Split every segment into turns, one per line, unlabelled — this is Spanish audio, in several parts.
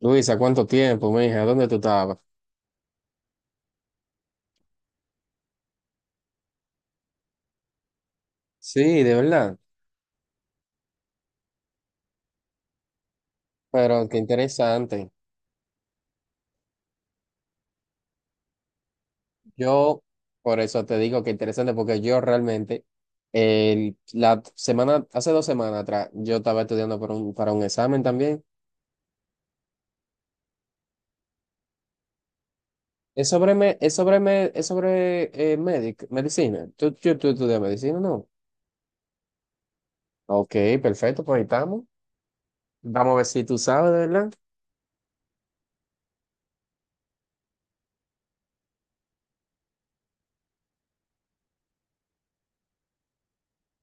Luisa, ¿cuánto tiempo, mija? ¿Dónde tú estabas? Sí, de verdad. Pero qué interesante. Yo, por eso te digo que interesante, porque yo realmente, la semana, hace dos semanas atrás, yo estaba estudiando para un examen también. Es sobre medicina. ¿Tú estudias medicina, no? Ok, perfecto, pues ahí estamos. Vamos a ver si tú sabes, de verdad.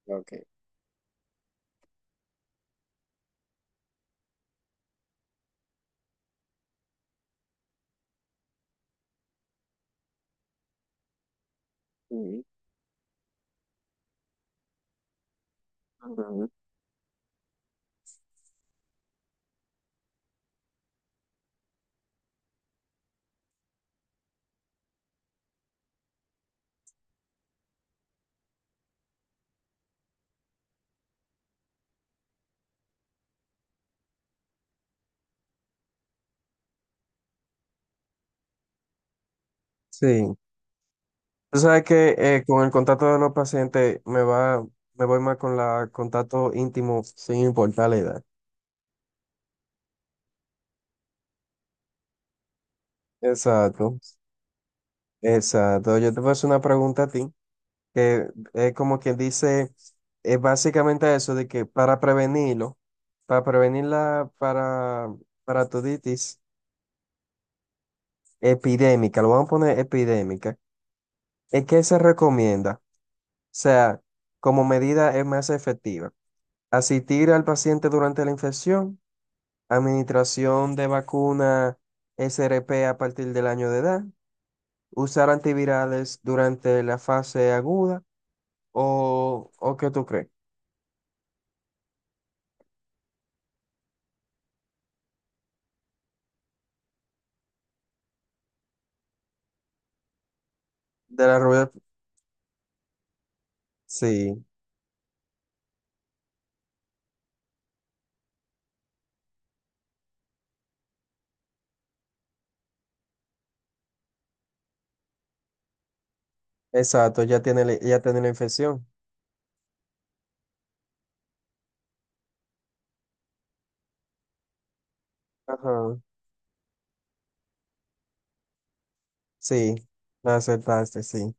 Ok. Mm. Sí. Tú sabes que con el contacto de los pacientes me voy más con la contacto íntimo sin importar la edad. Exacto, exacto. Yo te voy a hacer una pregunta a ti, que es como quien dice, es básicamente eso de que para prevenirlo, para prevenir la paratoditis epidémica, lo vamos a poner epidémica, ¿es qué se recomienda? O sea, como medida es más efectiva, asistir al paciente durante la infección. Administración de vacuna SRP a partir del año de edad. Usar antivirales durante la fase aguda. ¿O qué tú crees? De la rubia. Sí, exacto. Ya tiene, ya tiene la infección. Ajá. Sí, la aceptaste, sí.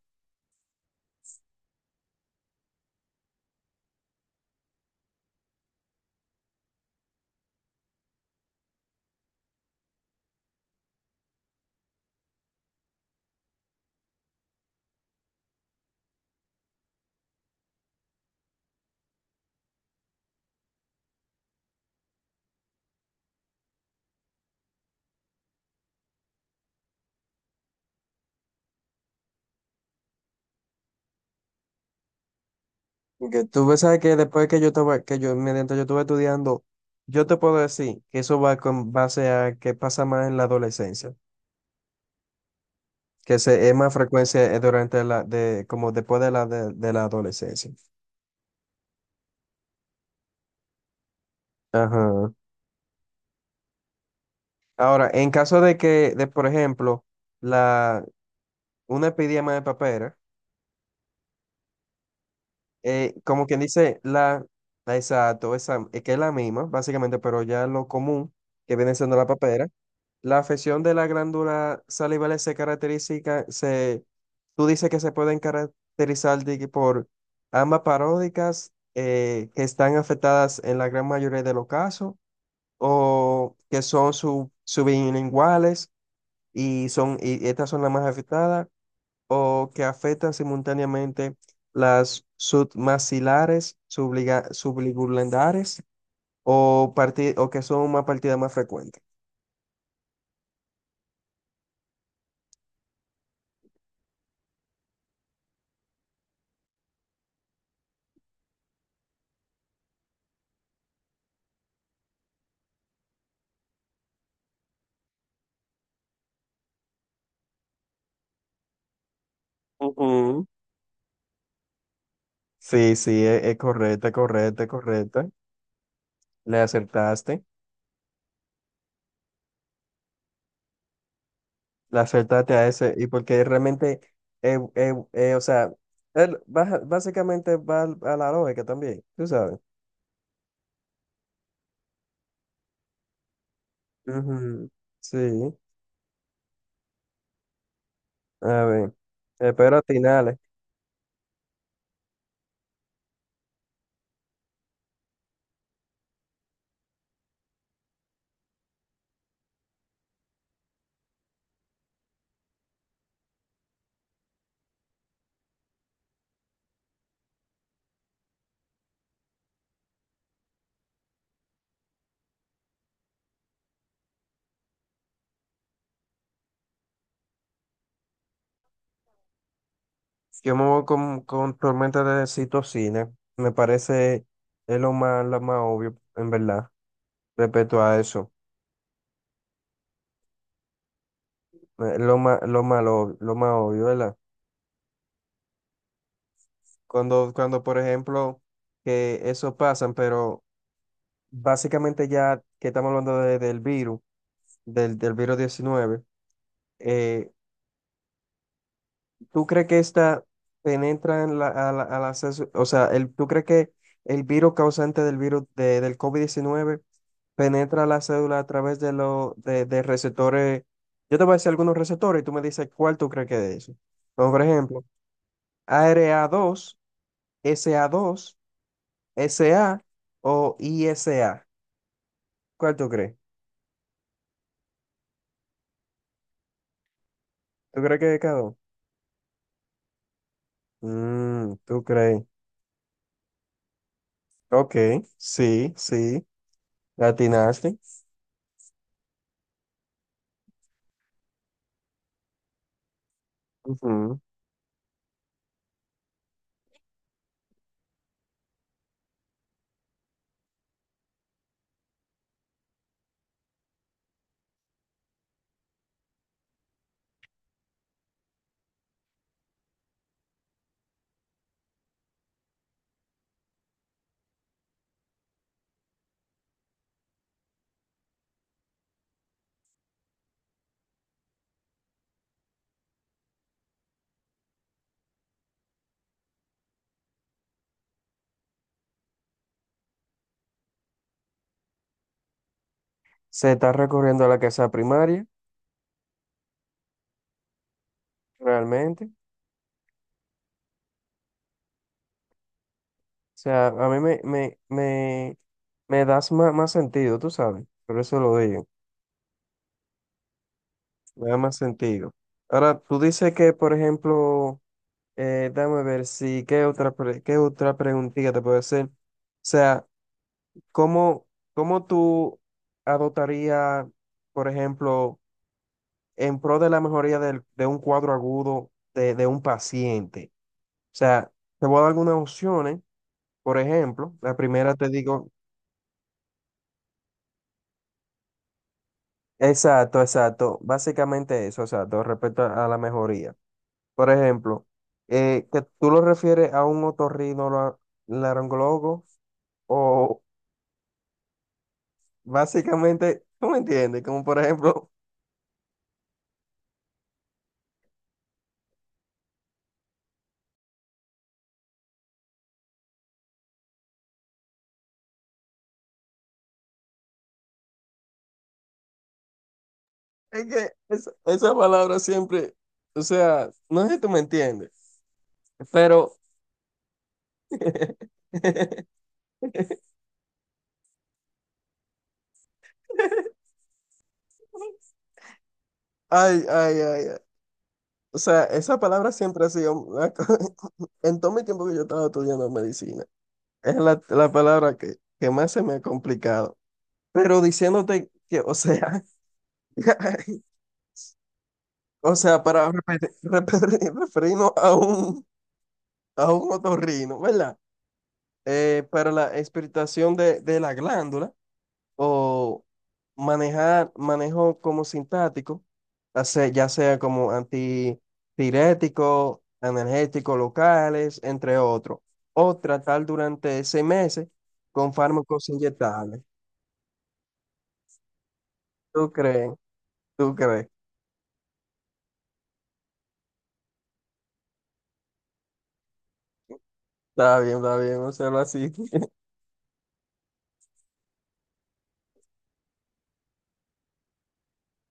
Y que tú ves, sabes que después que yo estaba, que yo, mientras yo estuve estudiando, yo te puedo decir que eso va con base a que pasa más en la adolescencia, que se, es más frecuencia durante la, de, como después de la, de la adolescencia. Ajá. Ahora, en caso de que, por ejemplo, la, una epidemia de papera, como quien dice, la, exacto, esa, es que es la misma, básicamente, pero ya lo común que viene siendo la papera, la afección de la glándula salival se caracteriza, se, tú dices que se pueden caracterizar de que por ambas paródicas que están afectadas en la gran mayoría de los casos o que son sublinguales y son y estas son las más afectadas o que afectan simultáneamente las submaxilares, subligulares o que son una partida más frecuente. Ujú. Sí, sí, es correcta, es correcta, es correcta. Le acertaste, le acertaste a ese, y porque realmente, o sea, básicamente va a la lógica también, tú sabes. Ujú, sí, a ver, espero final. Yo me voy con tormenta de citocina. Me parece es lo más obvio, en verdad, respecto a eso. Lo más, lo más, lo más obvio, ¿verdad? Cuando, cuando, por ejemplo, que eso pasan, pero básicamente ya que estamos hablando del virus, del virus 19 eh, ¿tú crees que esta penetra en al acceso? O sea, ¿tú crees que el virus causante del virus del COVID 19 penetra la cédula a través de los de receptores? Yo te voy a decir algunos receptores y tú me dices cuál tú crees que es eso. Como por ejemplo, A R A dos, S A dos, S A o I S A. ¿Cuál tú crees? ¿Tú crees que es cada uno? ¿Tú crees? Ok, sí, sí, latinaste. Ujú. Se está recurriendo a la casa primaria, realmente. O sea, a mí me das más sentido, tú sabes. Por eso lo digo. Me da más sentido. Ahora, tú dices que, por ejemplo, dame ver si, qué otra preguntita te puedo hacer? O sea, ¿cómo, cómo tú adoptarías, por ejemplo, en pro de la mejoría de un cuadro agudo de un paciente? O sea, te voy a dar algunas opciones. Por ejemplo, la primera te digo, exacto, exacto, básicamente eso, exacto, respecto a la mejoría. Por ejemplo, que tú lo refieres a un otorrinolaringólogo o básicamente, ¿tú me entiendes? Como por ejemplo, es que esa palabra siempre, o sea, no sé si tú me entiendes, pero, ay, ay, ay, ay. O sea, esa palabra siempre ha sido, en todo mi tiempo que yo estaba estudiando medicina, es la palabra que más se me ha complicado. Pero diciéndote que, o sea. O sea, para referirnos a un, otorrino, ¿verdad? Para la expectación de la glándula o manejo como sintático, ya sea como antitirético, analgésicos locales, entre otros, o tratar durante 6 meses con fármacos inyectables. ¿Tú crees? ¿Tú crees? Está bien, hacerlo así.